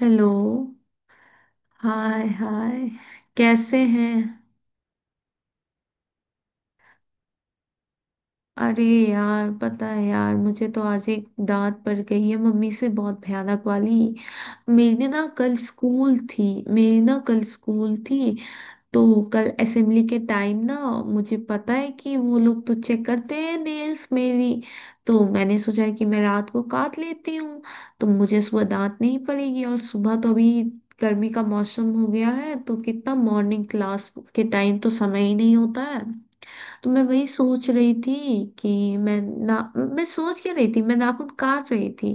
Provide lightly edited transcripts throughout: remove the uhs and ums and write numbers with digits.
Hello. Hi hi. कैसे हैं? अरे, यार पता है यार, मुझे तो आज एक डांट पड़ गई है मम्मी से बहुत भयानक वाली। मेरी ना कल स्कूल थी। मेरी ना कल स्कूल थी। तो कल असेंबली के टाइम ना, मुझे पता है कि वो लोग तो चेक करते हैं नेल्स मेरी। तो मैंने सोचा कि मैं रात को काट लेती हूँ, तो मुझे सुबह दांत नहीं पड़ेगी। और सुबह तो अभी गर्मी का मौसम हो गया है, तो कितना मॉर्निंग क्लास के टाइम तो समय ही नहीं होता है। तो मैं वही सोच रही थी कि मैं मैं सोच क्या रही थी, मैं नाखून काट रही थी।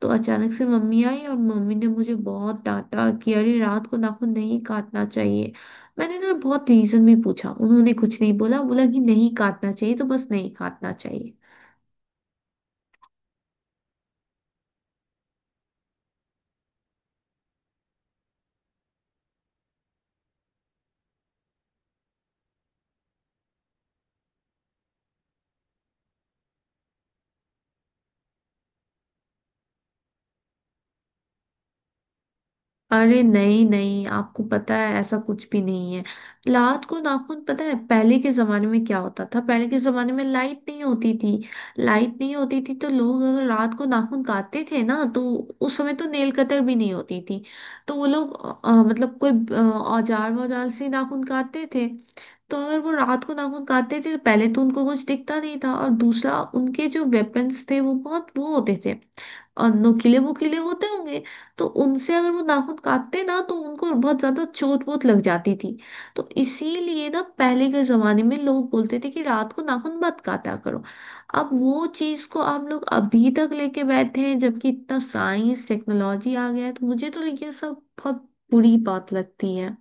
तो अचानक से मम्मी आई और मम्मी ने मुझे बहुत डांटा कि अरे, रात को नाखून नहीं काटना चाहिए। मैंने ना बहुत रीजन भी पूछा, उन्होंने कुछ नहीं बोला, बोला कि नहीं काटना चाहिए तो बस नहीं काटना चाहिए। अरे नहीं नहीं, आपको पता है ऐसा कुछ भी नहीं है। रात को नाखून, पता है पहले के जमाने में क्या होता था? पहले के जमाने में लाइट नहीं होती थी। लाइट नहीं होती थी तो लोग अगर रात को नाखून काटते थे ना, तो उस समय तो नेल कटर भी नहीं होती थी। तो वो लोग मतलब कोई औजार वौजार से नाखून काटते थे। तो अगर वो रात को नाखून काटते थे तो पहले तो उनको कुछ दिखता नहीं था, और दूसरा उनके जो वेपन्स थे वो बहुत वो होते थे और नुकीले वुकीले होते होंगे। तो उनसे अगर वो नाखून काटते ना, तो उनको बहुत ज्यादा चोट वोट लग जाती थी। तो इसीलिए ना पहले के जमाने में लोग बोलते थे कि रात को नाखून मत काटा करो। अब वो चीज को आप लोग अभी तक लेके बैठे हैं, जबकि इतना साइंस टेक्नोलॉजी आ गया है, तो मुझे तो ये सब बहुत बुरी बात लगती है।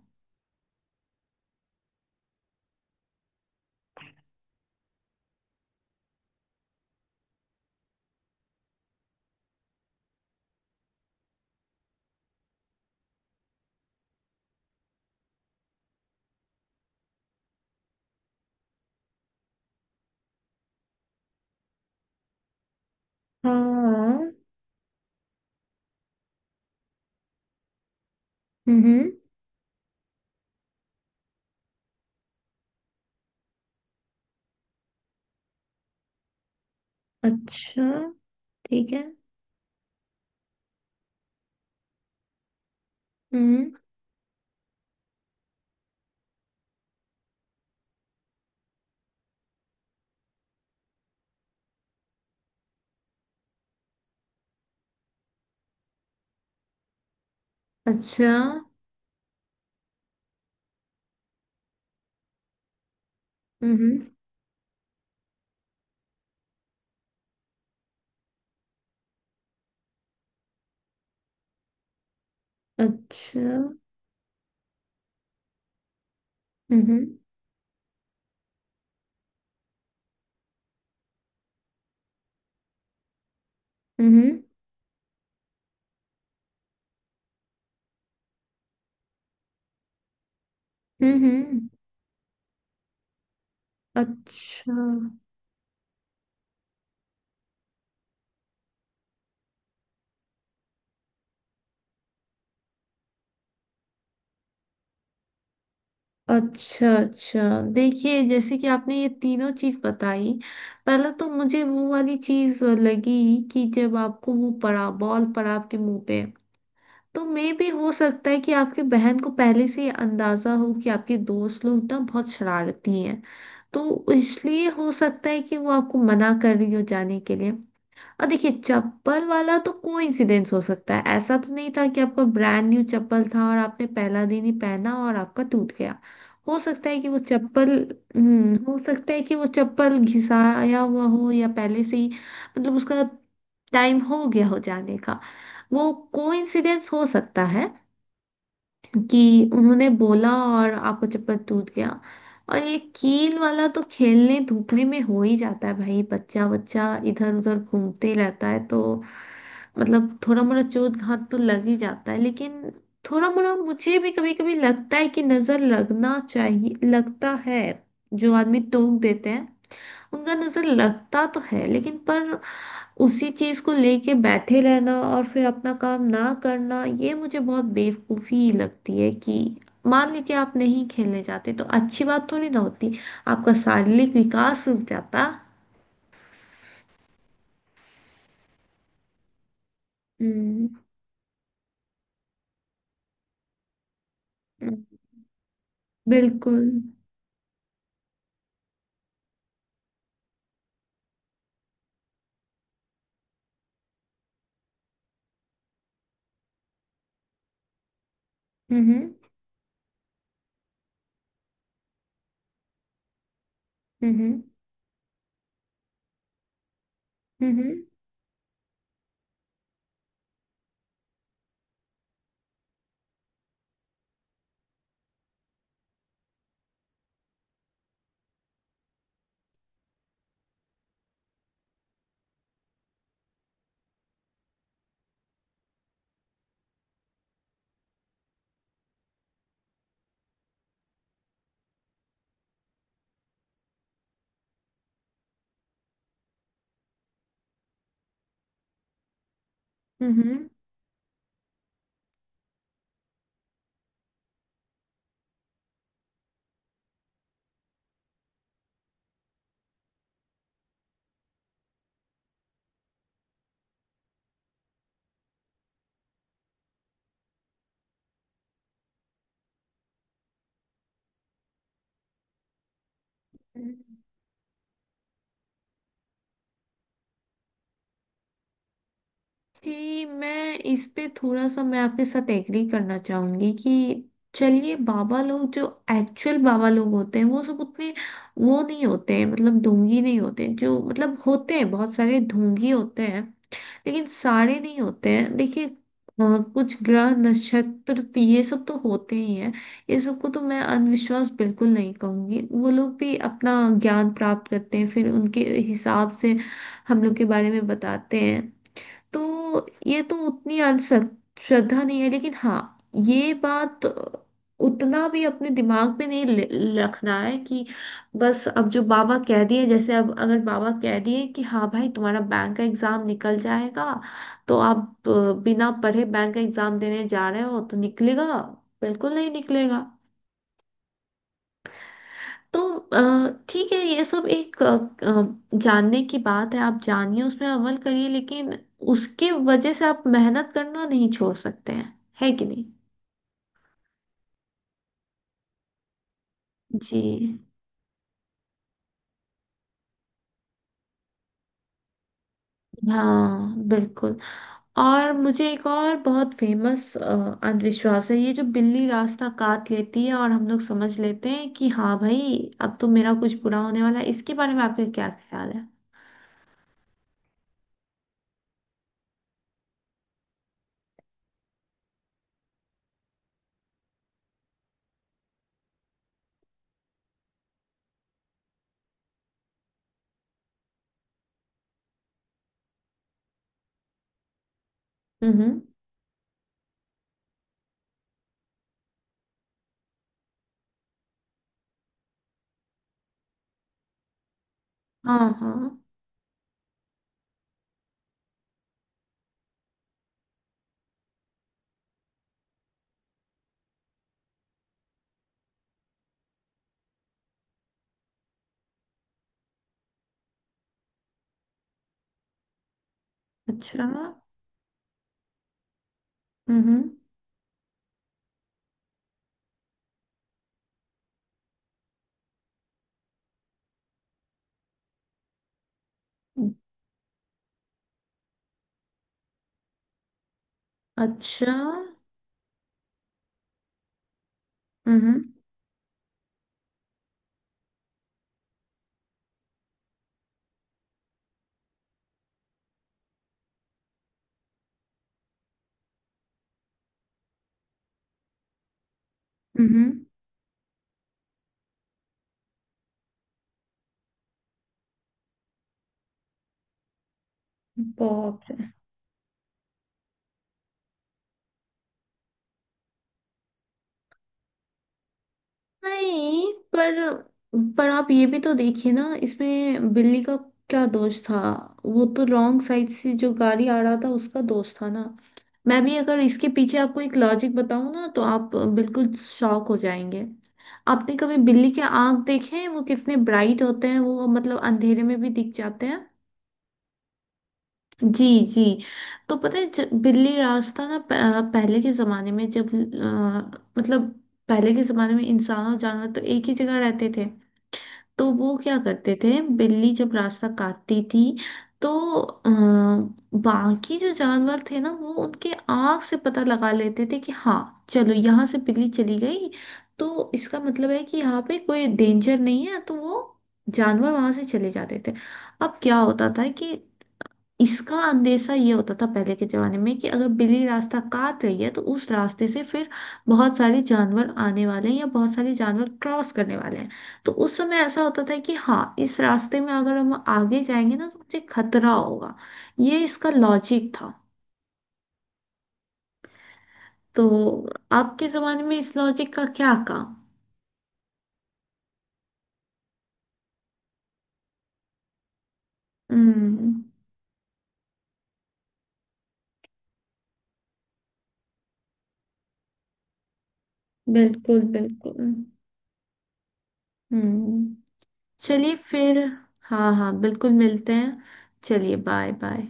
हाँ। हम्म। अच्छा। ठीक है। हम्म। अच्छा। हम्म। अच्छा। हम्म। हम्म। हम्म। अच्छा अच्छा अच्छा। देखिए, जैसे कि आपने ये तीनों चीज बताई। पहले तो मुझे वो वाली चीज लगी कि जब आपको वो पड़ा, बॉल पड़ा आपके मुंह पे, तो मे भी हो सकता है कि आपकी बहन को पहले से ये अंदाजा हो कि आपके दोस्त लोग ना बहुत शरारती हैं, तो इसलिए हो सकता है कि वो आपको मना कर रही हो जाने के लिए। और देखिए, चप्पल वाला तो कोइंसिडेंस हो सकता है। ऐसा तो नहीं था कि आपका ब्रांड न्यू चप्पल था और आपने पहला दिन ही पहना और आपका टूट गया। हो सकता है कि वो चप्पल। हो सकता है कि वो चप्पल घिसाया हुआ हो या पहले से ही, मतलब उसका टाइम हो गया हो जाने का। वो कोइंसिडेंस हो सकता है कि उन्होंने बोला और आपका चप्पल टूट गया। और ये कील वाला तो खेलने धूपने में हो ही जाता है भाई, बच्चा बच्चा इधर उधर घूमते ही रहता है, तो मतलब थोड़ा मोड़ा चोट घाट तो लग ही जाता है। लेकिन थोड़ा मोड़ा मुझे भी कभी कभी लगता है कि नजर लगना चाहिए, लगता है जो आदमी टोक देते हैं उनका नजर लगता तो है, लेकिन पर उसी चीज को लेके बैठे रहना और फिर अपना काम ना करना, ये मुझे बहुत बेवकूफी लगती है कि मान लीजिए आप नहीं खेलने जाते तो अच्छी बात थोड़ी ना होती, आपका शारीरिक विकास रुक जाता। हम्म। हम्म। बिल्कुल। हम्म। हम्म। हम्म। हम्म। हम्म। हम्म। हम्म। कि मैं इस पे थोड़ा सा मैं आपके साथ एग्री करना चाहूंगी कि चलिए, बाबा लोग जो एक्चुअल बाबा लोग होते हैं वो सब उतने वो नहीं होते हैं, मतलब ढोंगी नहीं होते हैं। जो मतलब होते हैं, बहुत सारे ढोंगी होते हैं लेकिन सारे नहीं होते हैं। देखिए कुछ ग्रह नक्षत्र तो ये सब तो होते ही हैं। ये सबको तो मैं अंधविश्वास बिल्कुल नहीं कहूंगी, वो लोग भी अपना ज्ञान प्राप्त करते हैं, फिर उनके हिसाब से हम लोग के बारे में बताते हैं। तो ये तो उतनी श्रद्धा नहीं है। लेकिन हाँ, ये बात उतना भी अपने दिमाग में नहीं रखना है, कि बस अब जो बाबा कह दिए, जैसे अब अगर बाबा कह दिए कि हाँ भाई, तुम्हारा बैंक का एग्जाम निकल जाएगा, तो आप बिना पढ़े बैंक का एग्जाम देने जा रहे हो तो निकलेगा? बिल्कुल नहीं निकलेगा। तो ठीक है, ये सब एक जानने की बात है। आप जानिए, उसमें अमल करिए, लेकिन उसके वजह से आप मेहनत करना नहीं छोड़ सकते हैं। है कि नहीं? जी। हाँ बिल्कुल। और मुझे एक और बहुत फेमस अंधविश्वास है, ये जो बिल्ली रास्ता काट लेती है और हम लोग समझ लेते हैं कि हाँ भाई, अब तो मेरा कुछ बुरा होने वाला है। इसके बारे में आपका क्या ख्याल है? हम्म। हाँ हाँ। अच्छा। हम्म। अच्छा। हम्म। हम्म। बाप रे। नहीं, पर आप ये भी तो देखिए ना, इसमें बिल्ली का क्या दोष था? वो तो रॉन्ग साइड से जो गाड़ी आ रहा था उसका दोष था ना। मैं भी अगर इसके पीछे आपको एक लॉजिक बताऊं ना, तो आप बिल्कुल शॉक हो जाएंगे। आपने कभी बिल्ली के आंख देखे हैं? वो कितने ब्राइट होते हैं, वो मतलब अंधेरे में भी दिख जाते हैं। जी। जी। तो पता है, बिल्ली रास्ता ना, पहले के ज़माने में जब मतलब पहले के ज़माने में इंसान और जानवर तो एक ही जगह रहते थे। तो वो क्या करते थे, बिल्ली जब रास्ता काटती थी तो अ, बाकी जो जानवर थे ना, वो उनके आँख से पता लगा लेते थे कि हाँ चलो यहाँ से बिल्ली चली गई, तो इसका मतलब है कि यहाँ पे कोई डेंजर नहीं है, तो वो जानवर वहां से चले जाते थे। अब क्या होता था कि इसका अंदेशा ये होता था पहले के जमाने में कि अगर बिल्ली रास्ता काट रही है तो उस रास्ते से फिर बहुत सारे जानवर आने वाले हैं या बहुत सारे जानवर क्रॉस करने वाले हैं। तो उस समय ऐसा होता था कि हाँ इस रास्ते में अगर हम आगे जाएंगे ना, तो मुझे खतरा होगा। ये इसका लॉजिक था। तो आपके जमाने में इस लॉजिक का क्या काम? हम्म। बिल्कुल बिल्कुल। हम्म। चलिए फिर। हाँ हाँ बिल्कुल, मिलते हैं। चलिए, बाय बाय।